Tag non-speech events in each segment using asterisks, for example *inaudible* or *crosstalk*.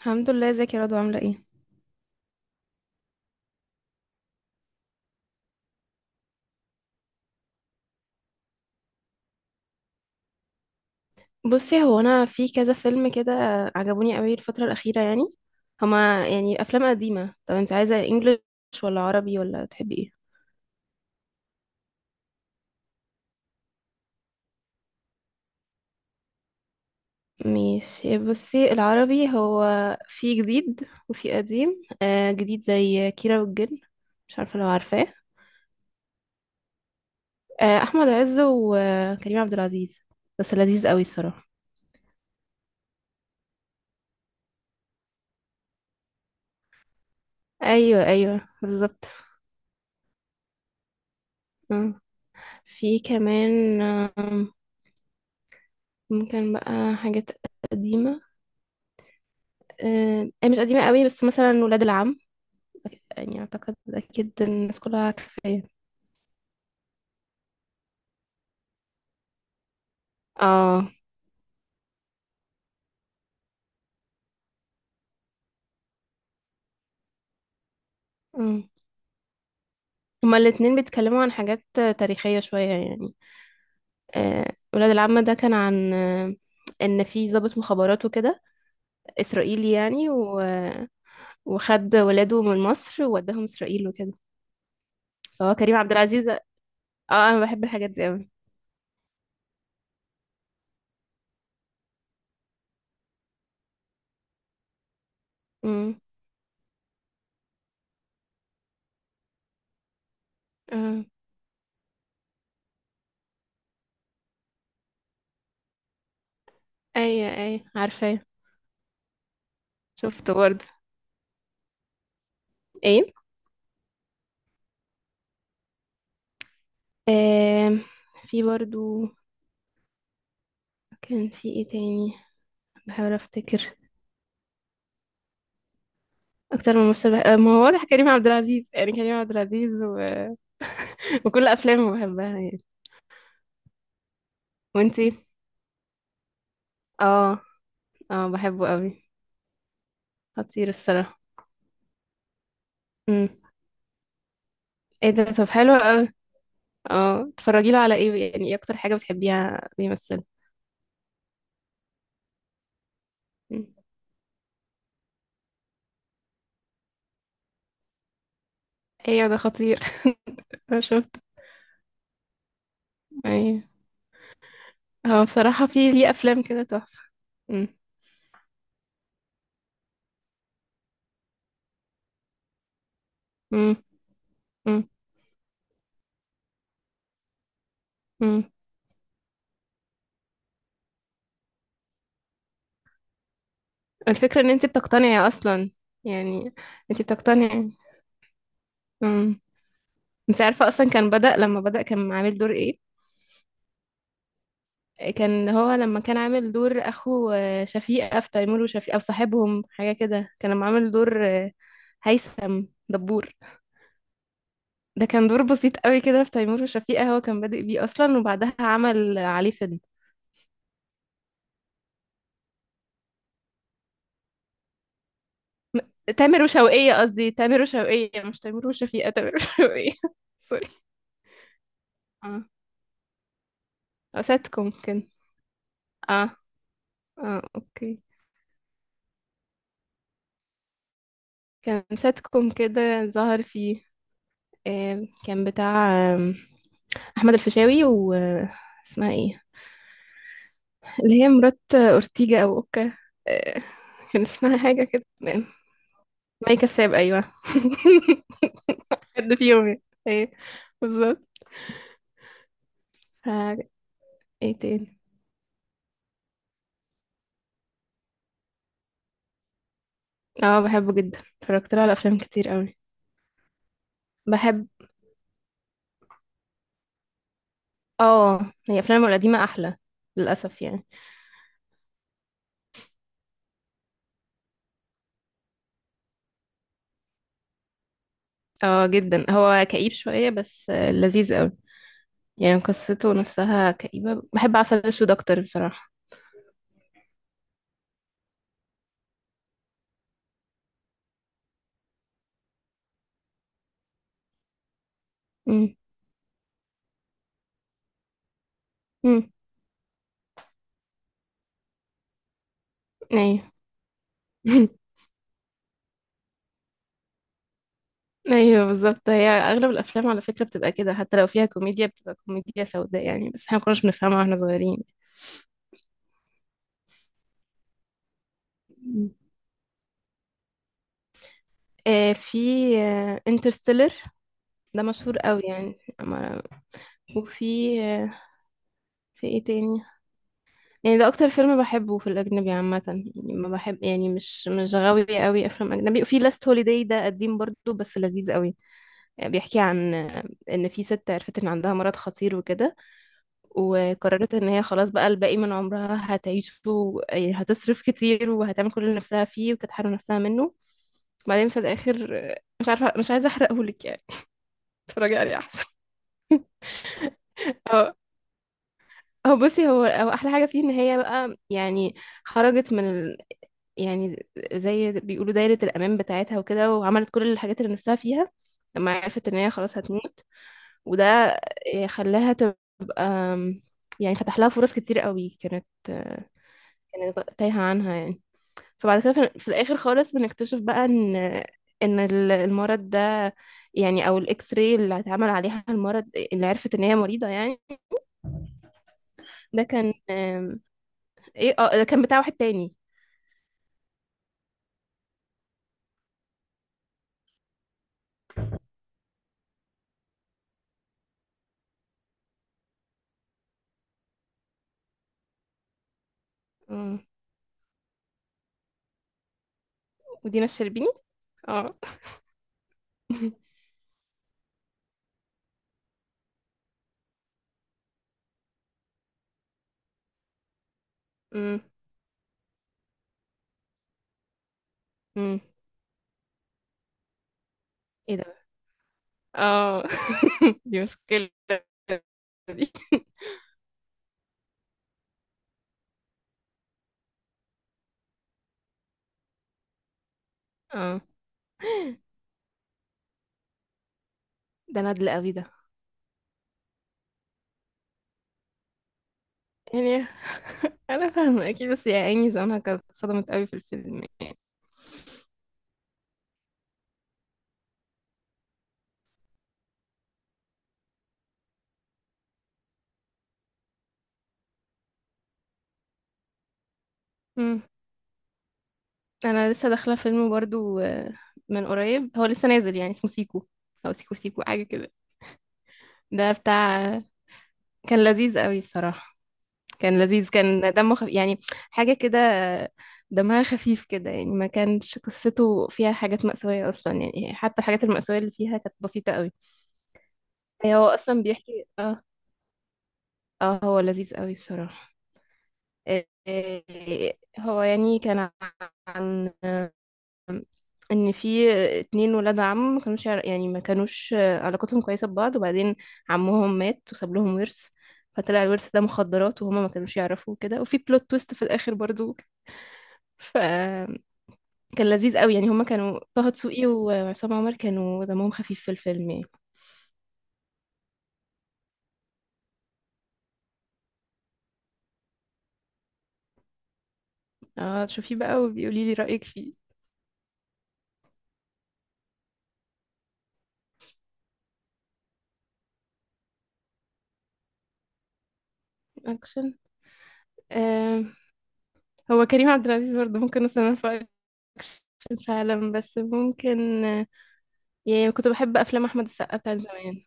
الحمد لله، ازيك يا رضوى؟ عامله ايه؟ بصي هو انا في كذا فيلم كده عجبوني قوي الفتره الاخيره، يعني هما يعني افلام قديمه. طب انت عايزه انجليش ولا عربي، ولا تحبي ايه؟ ماشي، بصي العربي هو في جديد وفي قديم. آه جديد زي كيرة والجن، مش عارفه لو عارفاه. آه، احمد عز وكريم عبد العزيز، بس لذيذ قوي الصراحه. ايوه ايوه بالظبط. آه. في كمان ممكن بقى حاجات قديمه. هي مش قديمة قوي، بس مثلا ولاد العم، يعني أعتقد أكيد الناس كلها عارفاه. اه. مم. هما الاتنين بيتكلموا عن حاجات تاريخية شوية يعني. آه، ولاد العم ده كان عن إن في ضابط مخابرات وكده، إسرائيلي يعني، وخد ولاده من مصر ووداهم إسرائيل وكده. فهو كريم عبد العزيز، اه. أنا بحب الحاجات دي أوي. مم. اه، أيوة أيوة عارفاه. شفته برضه. ايه. آه، في برضه، كان في ايه تاني؟ بحاول افتكر. اكتر من ممثل ما هو واضح كريم عبد العزيز، يعني كريم عبد العزيز وكل افلامه بحبها يعني. وانتي؟ اه، اه بحبه قوي، خطير الصراحه. امم. ايه ده، طب حلو قوي. اه، تتفرجي له على ايه؟ يعني ايه اكتر حاجه بتحبيها بيمثل؟ مم. ايوه، ده خطير. *laughs* انا شفت، ايوه. هو بصراحه في ليه افلام كده تحفه. امم. امم. امم. الفكره ان انت بتقتنعي اصلا يعني، انت بتقتنعي. مم. انت عارفة اصلا كان بدأ لما بدأ كان عامل دور ايه؟ كان هو لما كان عامل دور اخو شفيقة في تيمور وشفيقة، او صاحبهم، حاجة كده. كان لما عامل دور هيثم دبور، ده كان دور بسيط قوي كده في تيمور وشفيقة، هو كان بادئ بيه اصلا وبعدها عمل عليه فيلم. تامر وشوقية قصدي، تامر وشوقية مش تيمور وشفيقة، تامر وشوقية. *laughs* سوري. اه، أو ساتكم كان. اه. اه اوكي. كان ساتكم كده ظهر فيه. كان بتاع آم، احمد الفيشاوي و اسمها ايه، اللي هي مرات اورتيجا او اوكا. آه، كان اسمها حاجه كده. مي كساب، ايوه. *laughs* حد فيهم يعني. ايه، بالظبط. ف- ايه تاني؟ اه بحبه جدا، اتفرجت له على افلام كتير قوي. بحب. اه، هي افلامه القديمه احلى للاسف يعني. اه جدا، هو كئيب شويه، بس لذيذ قوي يعني. قصته نفسها كئيبه، بحب عسل اسود اكتر بصراحه. امم. امم. ايوه. *laughs* ايوه بالظبط، هي اغلب الافلام على فكره بتبقى كده، حتى لو فيها كوميديا بتبقى كوميديا سوداء يعني، بس احنا ما كناش بنفهمها واحنا صغيرين. مم. آه، في انترستيلر، ده مشهور قوي يعني. أما- وفي آه، في ايه تاني؟ يعني ده اكتر فيلم بحبه في الاجنبي عامه يعني، ما بحب يعني، مش غاوي قوي افلام اجنبي. وفي لاست هوليداي، ده قديم برضو بس لذيذ قوي. بيحكي عن ان في ست عرفت ان عندها مرض خطير وكده، وقررت ان هي خلاص بقى الباقي من عمرها هتعيشه يعني هتصرف كتير وهتعمل كل اللي نفسها فيه وكانت حارمة نفسها منه. بعدين في الاخر مش عارفة، مش عايزة احرقهولك يعني، اتفرجي عليه احسن. *laughs* اه. هو بصي هو هو احلى حاجة فيه ان هي بقى يعني خرجت من يعني زي بيقولوا دايرة الامان بتاعتها وكده، وعملت كل الحاجات اللي نفسها فيها لما عرفت ان هي خلاص هتموت. وده خلاها تبقى آم، يعني فتح لها فرص كتير قوي كانت كانت تايهة عنها يعني. فبعد كده في الاخر خالص بنكتشف بقى ان المرض ده، يعني او الاكس راي اللي اتعمل عليها المرض اللي عرفت ان هي مريضه يعني، ده كان ايه، اه ده كان بتاع واحد تاني. مم. ودينا الشربيني. اه. *laughs* مم. مم. ايه ده. اه. *laughs* دي مشكله. اه، ده ندل قوي ده. يعني *laughs* انا فاهمه اكيد، بس يا عيني زمانها كانت صدمت قوي في الفيلم يعني. انا لسه داخله فيلم برضو من قريب، هو لسه نازل يعني، اسمه سيكو او سيكو سيكو، حاجه كده. ده بتاع كان لذيذ قوي بصراحه. كان لذيذ، كان دمه خفيف يعني، حاجه كده. دمها خفيف كده يعني، ما كانش قصته فيها حاجات مأساوية أصلا يعني، حتى الحاجات المأساوية اللي فيها كانت بسيطة قوي. هو أصلا بيحكي، اه. اه هو لذيذ قوي بصراحة. آه، آه، هو يعني كان عن ان في اتنين ولاد عم ما كانوش يعر- يعني ما كانوش علاقتهم كويسه ببعض، وبعدين عمهم مات وساب لهم ورث، فطلع الورث ده مخدرات وهما ما كانوش يعرفوا كده، وفي بلوت تويست في الاخر برضو. فكان لذيذ قوي يعني، هما كانوا طه دسوقي وعصام عمر كانوا دمهم خفيف في الفيلم يعني. اه شوفيه بقى وبيقولي لي رايك فيه. اكشن. آه، هو كريم عبد العزيز برضه ممكن اصنفه اكشن فعلا، بس ممكن، يعني كنت بحب افلام احمد السقا بتاعت زمان.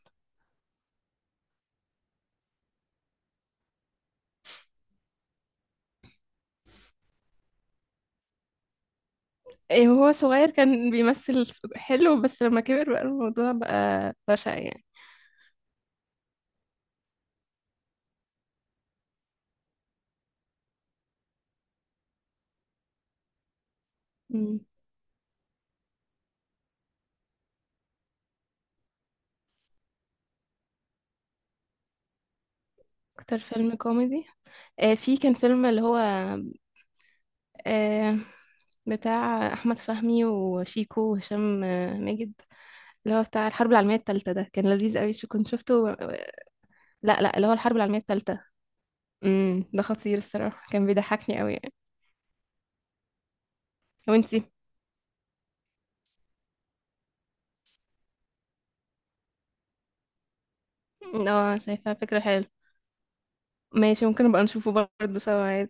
إيه، هو صغير كان بيمثل حلو، بس لما كبر بقى الموضوع بقى بشع يعني. مم. اكتر فيلم كوميدي؟ آه في كان فيلم اللي هو آه بتاع احمد فهمي وشيكو وهشام ماجد، اللي هو بتاع الحرب العالميه الثالثه، ده كان لذيذ قوي. شو كنت شفته لا لا، اللي هو الحرب العالميه الثالثه. امم، ده خطير الصراحه، كان بيضحكني قوي يعني. وانتي؟ اه شايفه فكره حلوه، ماشي، ممكن نبقى نشوفه برضه سوا.